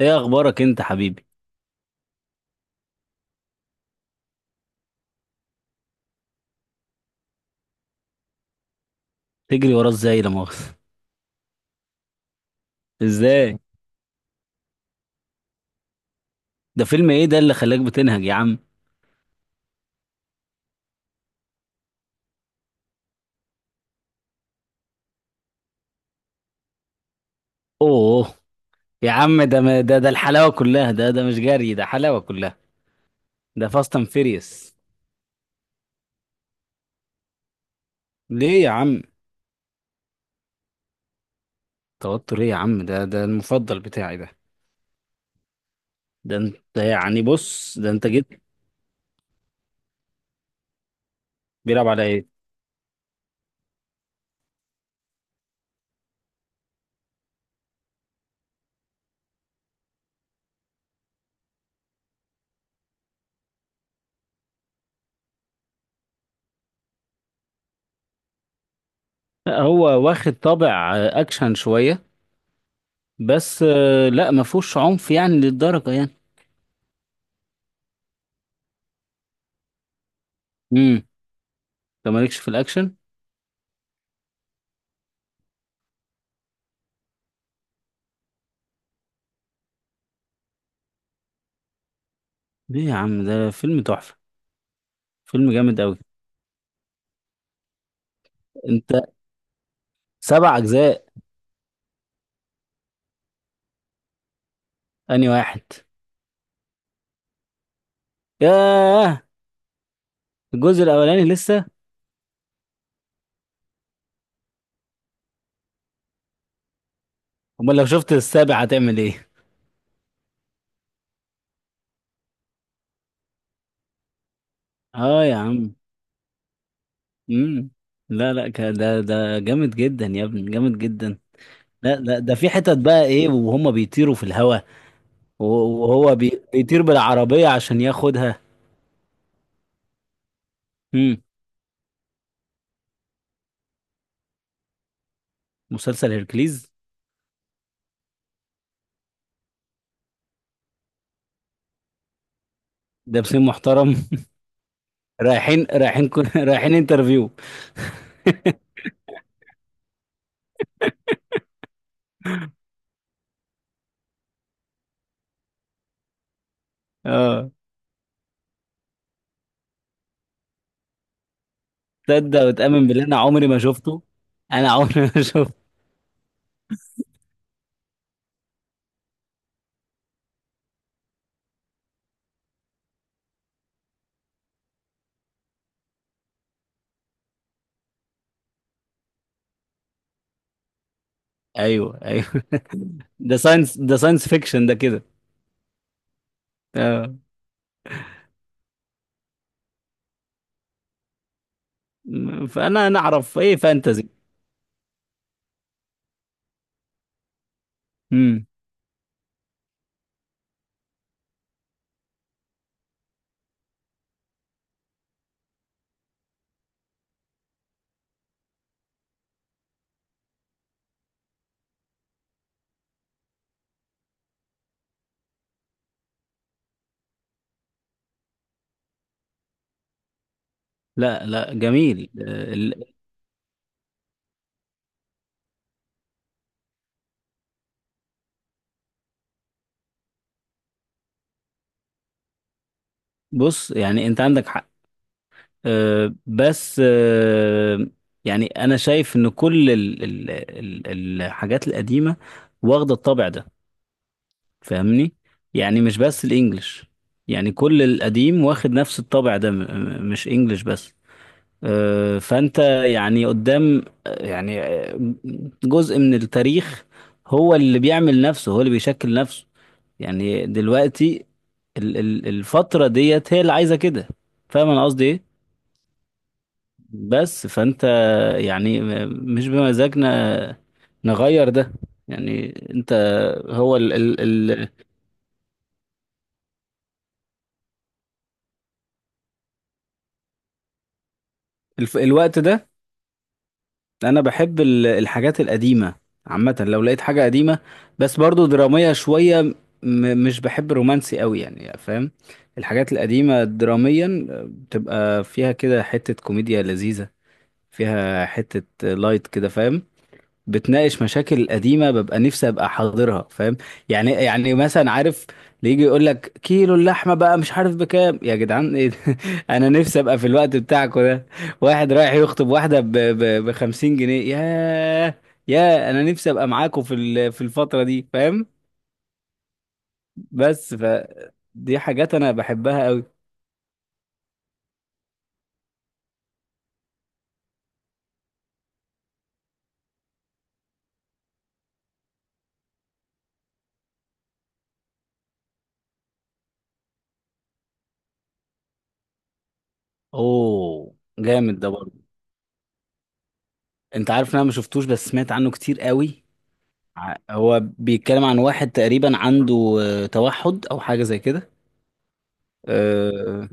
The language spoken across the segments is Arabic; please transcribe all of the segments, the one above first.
ايه اخبارك انت حبيبي. تجري وراه ازاي لا مؤاخذة؟ ازاي؟ ده فيلم ايه ده اللي خلاك بتنهج يا عم؟ اوه، يا عم ده الحلاوة كلها، ده مش جري، ده حلاوة كلها. ده فاست اند فيريوس. ليه يا عم؟ توتر ايه يا عم؟ ده المفضل بتاعي ده. ده انت يعني، بص ده انت جيت. بيلعب على ايه؟ لا، هو واخد طابع اكشن شوية. بس لا، ما فيهوش عنف يعني للدرجة يعني. امم انت مالكش في الاكشن. ليه يا عم؟ ده فيلم تحفة، فيلم جامد قوي. انت، سبع اجزاء. انهي واحد؟ ياه، الجزء الاولاني لسه. امال لو شفت السابع هتعمل ايه؟ اه يا عم. امم لا لا ده جامد جدا يا ابني، جامد جدا. لا لا، ده في حتت بقى ايه وهم بيطيروا في الهواء، وهو بيطير بالعربية عشان ياخدها. امم مسلسل هيركليز؟ ده بسيم محترم. رايحين انترفيو. اه. تصدق وتأمن بالله انا عمري ما شفته. انا عمري ما شفته. ايوه ايوه. ده ساينس فيكشن ده كده. آه. فانا نعرف ايه فانتزي؟ امم لا لا، جميل بص يعني انت عندك حق. بس يعني انا شايف ان كل الحاجات القديمه واخده الطابع ده، فاهمني؟ يعني مش بس الانجليش، يعني كل القديم واخد نفس الطابع ده، مش انجليش بس. فانت يعني قدام، يعني جزء من التاريخ هو اللي بيعمل نفسه، هو اللي بيشكل نفسه. يعني دلوقتي الفترة ديت هي اللي عايزة كده. فاهم انا قصدي ايه؟ بس فانت يعني، مش بمزاجنا نغير ده. يعني انت، هو ال ال ال الف- الوقت ده. انا بحب الحاجات القديمه عامه. لو لقيت حاجه قديمه بس برضو دراميه شويه، مش بحب رومانسي قوي يعني، فاهم؟ الحاجات القديمه دراميا بتبقى فيها كده حته كوميديا لذيذه، فيها حته لايت كده، فاهم؟ بتناقش مشاكل قديمه، ببقى نفسي ابقى حاضرها، فاهم؟ يعني مثلا عارف، اللي يجي يقول لك كيلو اللحمه بقى مش عارف بكام يا جدعان، ايه ده؟ انا نفسي ابقى في الوقت بتاعكم ده. واحد رايح يخطب واحده ب 50 جنيه، يا انا نفسي ابقى معاكم في في الفتره دي، فاهم؟ بس ف دي حاجات انا بحبها قوي. اوه، جامد ده برضه. انت عارف ان انا ما شفتوش، بس سمعت عنه كتير قوي. هو بيتكلم عن واحد تقريبا عنده توحد او حاجه زي كده. آه،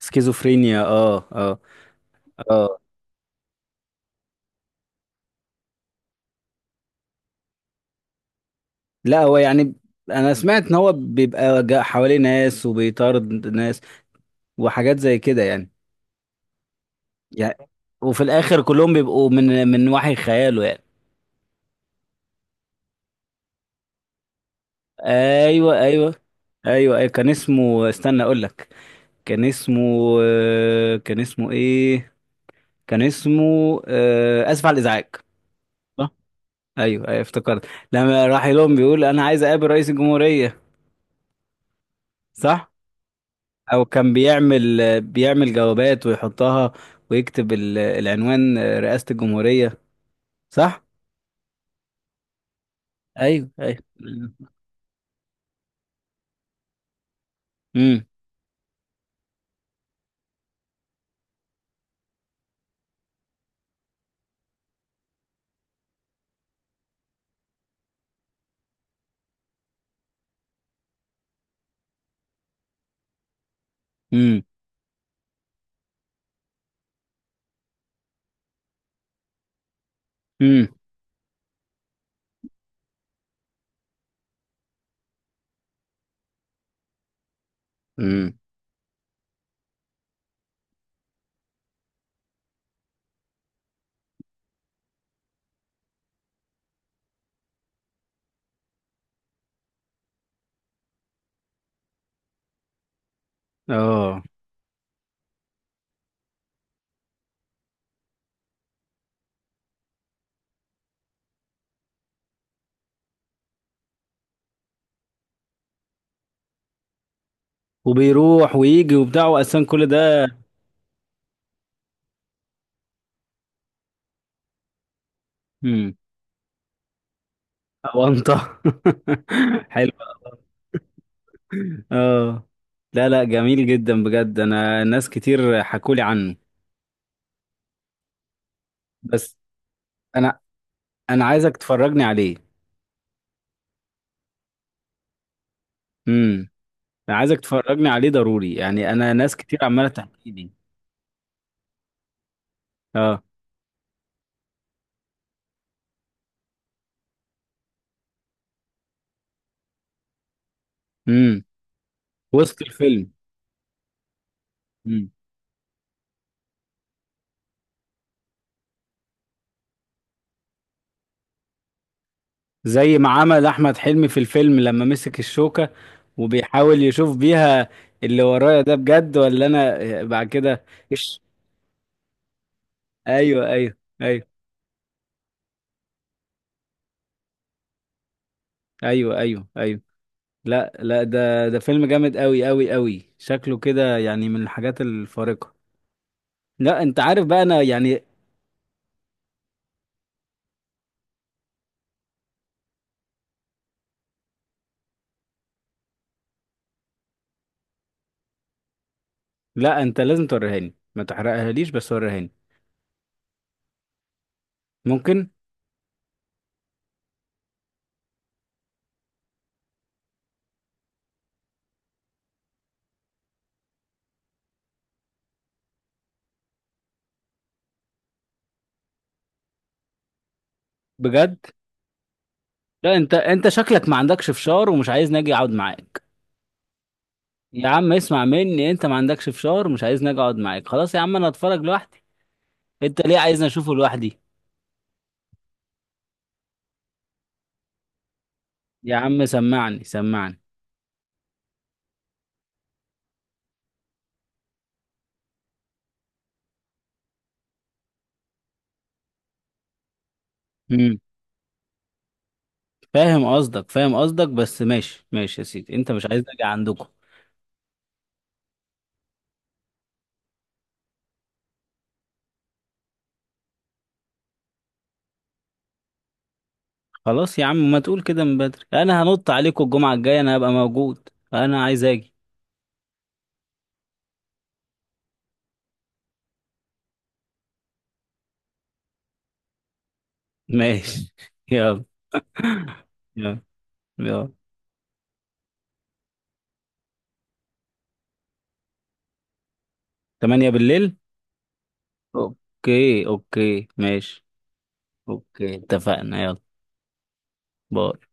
سكيزوفرينيا، اه اه اه. لا هو يعني، انا سمعت ان هو بيبقى جا- حواليه ناس وبيطارد ناس وحاجات زي كده يعني. يعني وفي الاخر كلهم بيبقوا من وحي خياله يعني. ايوه ايوه. ايوه كان اسمه، استنى اقول لك. كان اسمه كان اسمه ايه؟ كان اسمه اسف على الازعاج. ايوه ايوه افتكرت. لما راح لهم بيقول انا عايز اقابل رئيس الجمهورية، صح؟ او كان بيعمل، بيعمل جوابات ويحطها ويكتب العنوان رئاسة الجمهورية، صح؟ ايوه ايوه. امم امم امم امم اه وبيروح ويجي وبتاع واساسا كل ده. امم اونطه؟ حلو. اه. لا لا، جميل جدا بجد، انا ناس كتير حكولي عنه بس. انا انا عايزك تفرجني عليه. امم انا عايزك تفرجني عليه ضروري يعني، انا ناس كتير عماله تحكي لي. اه. امم وسط الفيلم. امم زي ما عمل احمد حلمي في الفيلم لما مسك الشوكه وبيحاول يشوف بيها اللي ورايا، ده بجد ولا انا بعد كده. ايش؟ ايوه. ايوه. لا لا، ده ده فيلم جامد قوي قوي قوي شكله كده، يعني من الحاجات الفارقه. لا، انت عارف بقى، انا يعني. لا، انت لازم توريهاني، ما تحرقهاليش بس وريهاني. ممكن؟ بجد. لا، انت انت شكلك ما عندكش فشار ومش عايزني اجي اقعد معاك. يا عم اسمع مني، انت ما عندكش فشار ومش عايزني اجي اقعد معاك، خلاص يا عم انا اتفرج لوحدي. انت ليه عايزني اشوفه لوحدي؟ يا عم سمعني سمعني. امم فاهم قصدك، فاهم قصدك، بس ماشي ماشي يا سيدي، انت مش عايزني اجي عندكم. خلاص يا عم، ما تقول كده من بدري، انا هنط عليكم الجمعة الجاية، انا هبقى موجود، انا عايز اجي. ماشي. يلا. يلا. يلا. 8 بالليل؟ اوكي اوكي ماشي. اوكي اتفقنا. يلا. باي.